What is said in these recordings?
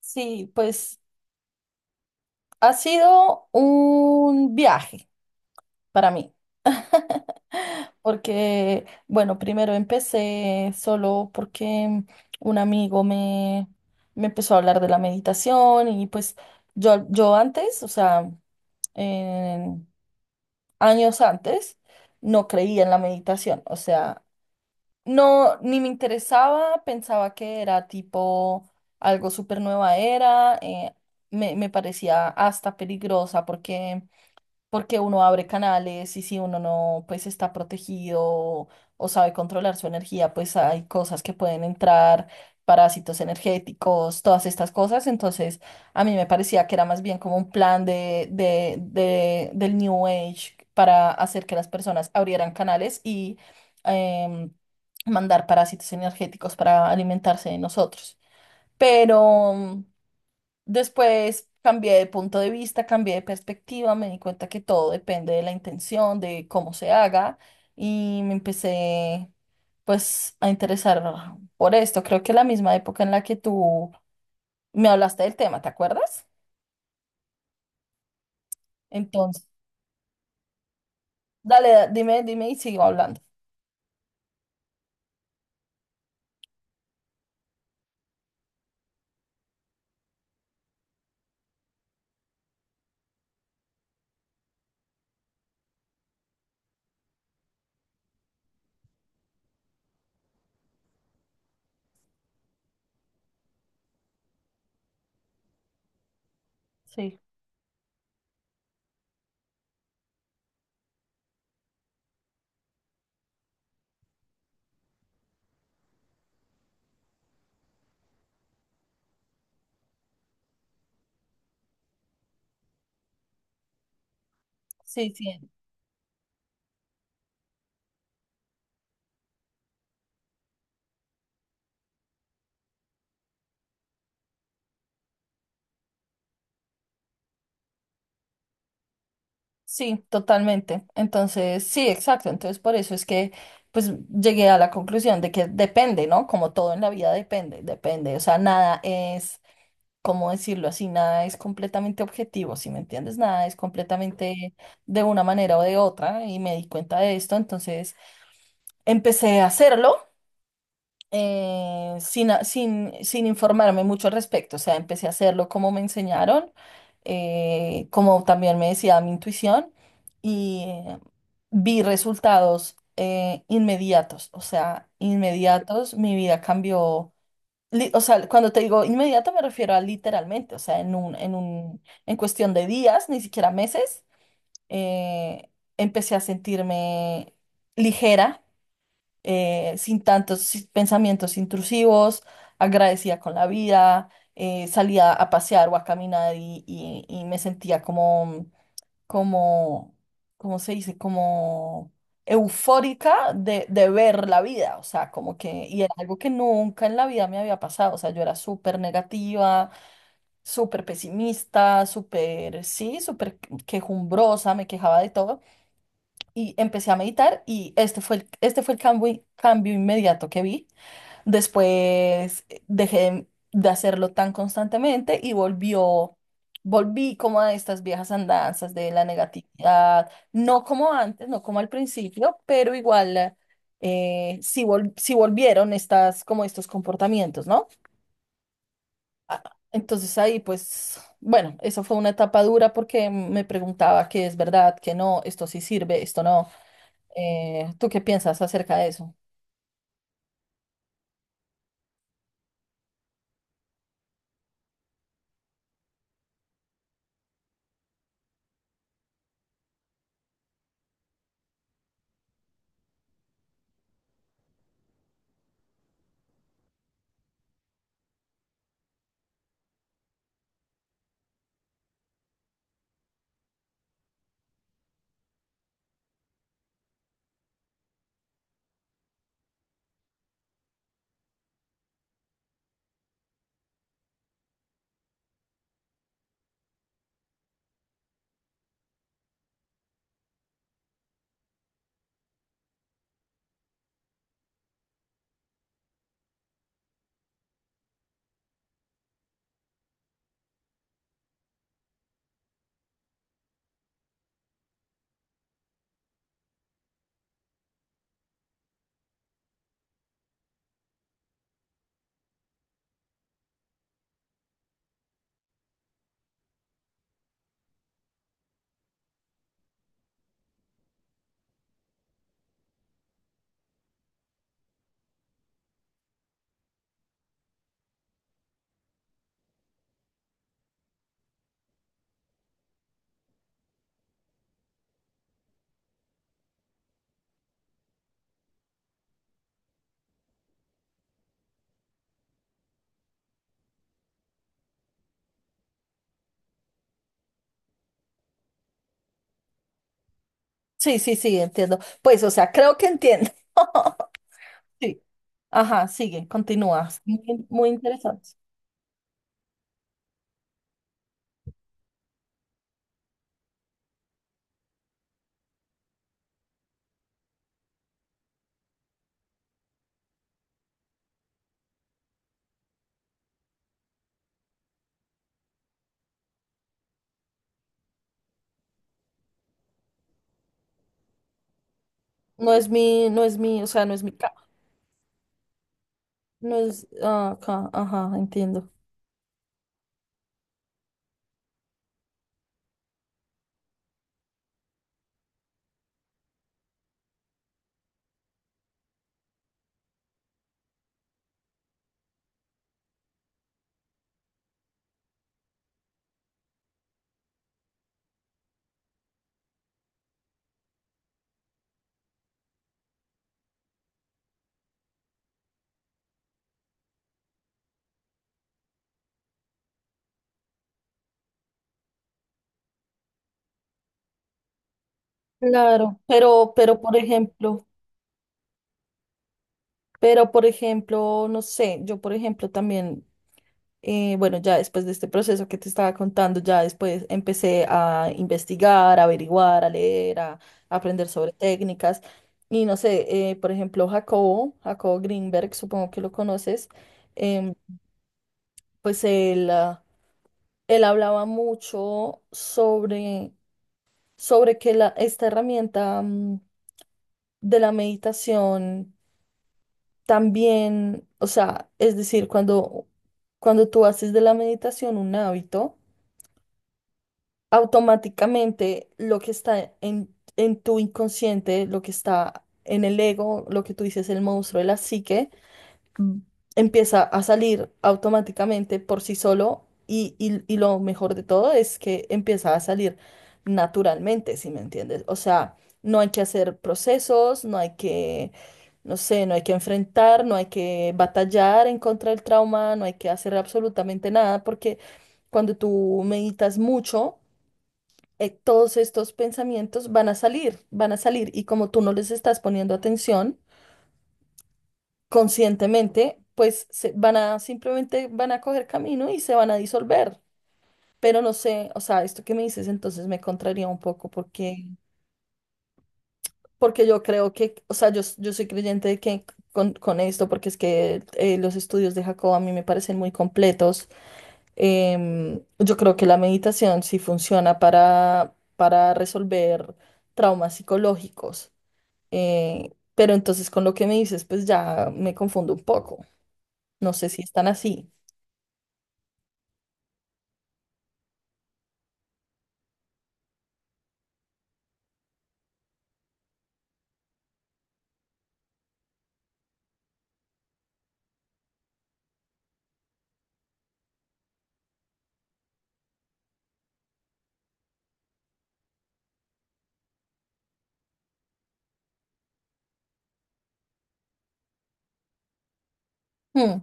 Sí, pues ha sido un viaje para mí. Porque, bueno, primero empecé solo porque un amigo me empezó a hablar de la meditación y pues yo antes, o sea, en- años antes, no creía en la meditación. O sea, no, ni me interesaba, pensaba que era tipo algo súper nueva era, me parecía hasta peligrosa porque uno abre canales y si uno no, pues está protegido o sabe controlar su energía, pues hay cosas que pueden entrar, parásitos energéticos, todas estas cosas. Entonces, a mí me parecía que era más bien como un plan del New Age para hacer que las personas abrieran canales y em, mandar parásitos energéticos para alimentarse de nosotros. Pero... después cambié de punto de vista, cambié de perspectiva, me di cuenta que todo depende de la intención, de cómo se haga y me empecé pues a interesar por esto. Creo que la misma época en la que tú me hablaste del tema, ¿te acuerdas? Entonces, dale, dime, dime y sigo hablando. Sí, sí, sí, sí, totalmente. Entonces, sí, exacto. Entonces, por eso es que pues llegué a la conclusión de que depende, ¿no? Como todo en la vida depende, depende. O sea, nada es... ¿cómo decirlo así? Nada es completamente objetivo, ¿si me entiendes? Nada es completamente de una manera o de otra y me di cuenta de esto, entonces empecé a hacerlo. Sin sin informarme mucho al respecto, o sea, empecé a hacerlo como me enseñaron, como también me decía mi intuición, y vi resultados inmediatos, o sea, inmediatos, mi vida cambió. O sea, cuando te digo inmediata me refiero a literalmente, o sea, en en cuestión de días, ni siquiera meses, eh, empecé a sentirme ligera, sin tantos pensamientos intrusivos, agradecida con la vida, salía a pasear o a caminar y me sentía como como, ¿cómo se dice? Como eufórica de ver la vida, o sea, como que, y era algo que nunca en la vida me había pasado, o sea, yo era súper negativa, súper pesimista, súper, sí, súper quejumbrosa, me quejaba de todo, y empecé a meditar y este fue el cambio, cambio inmediato que vi. Después dejé de hacerlo tan constantemente y volví como a estas viejas andanzas de la negatividad, no como antes, no como al principio, pero igual sí, sí volvieron estas, como estos comportamientos, ¿no? Ah, Entonces ahí pues, bueno, eso fue una etapa dura porque me preguntaba qué es verdad, qué no, esto sí sirve, esto no. ¿Tú qué piensas acerca de eso? Sí, sí, sí, entiendo. Pues, o sea, creo que entiendo. Sí, ajá, sigue, continúa. Muy, muy interesante. No es mi, no es mi, O sea, no es, ajá, entiendo. Claro, pero, pero por ejemplo, no sé, yo por ejemplo también, bueno, ya después de este proceso que te estaba contando, ya después empecé a investigar, a averiguar, a leer, a aprender sobre técnicas. Y no sé, por ejemplo, Jacobo Greenberg, supongo que lo conoces, em, pues él... él hablaba mucho sobre que la, esta herramienta mm, de la meditación también, o sea, es decir, cuando tú haces de la meditación un hábito, automáticamente lo que está en tu inconsciente, lo que está en el ego, lo que tú dices, el monstruo de la psique, empieza a salir automáticamente por sí solo y lo mejor de todo es que empieza a salir naturalmente, ¿si me entiendes? O sea, no hay que hacer procesos, no hay que, no sé, no hay que enfrentar, no hay que batallar en contra del trauma, no hay que hacer absolutamente nada porque cuando tú meditas mucho, todos estos pensamientos van a salir y como tú no les estás poniendo atención, conscientemente, pues se- van a simplemente van a coger camino y se van a disolver. Pero no sé, o sea, esto que me dices entonces me contraría un poco porque, porque yo creo que, o sea, yo soy creyente de que con esto, porque es que los estudios de Jacob a mí me parecen muy completos. Yo creo que la meditación sí funciona para resolver traumas psicológicos. Pero entonces con lo que me dices, pues ya me confundo un poco. No sé si están así. Hmm.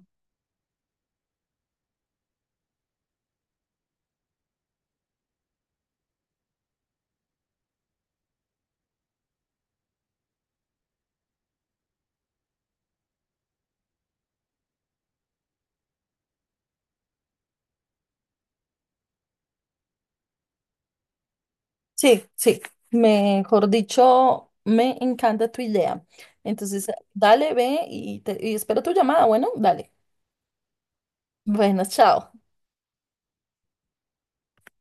Sí, sí, mejor dicho, me encanta tu idea. Entonces, dale, ve y, y espero tu llamada. Bueno, dale. Buenas, chao.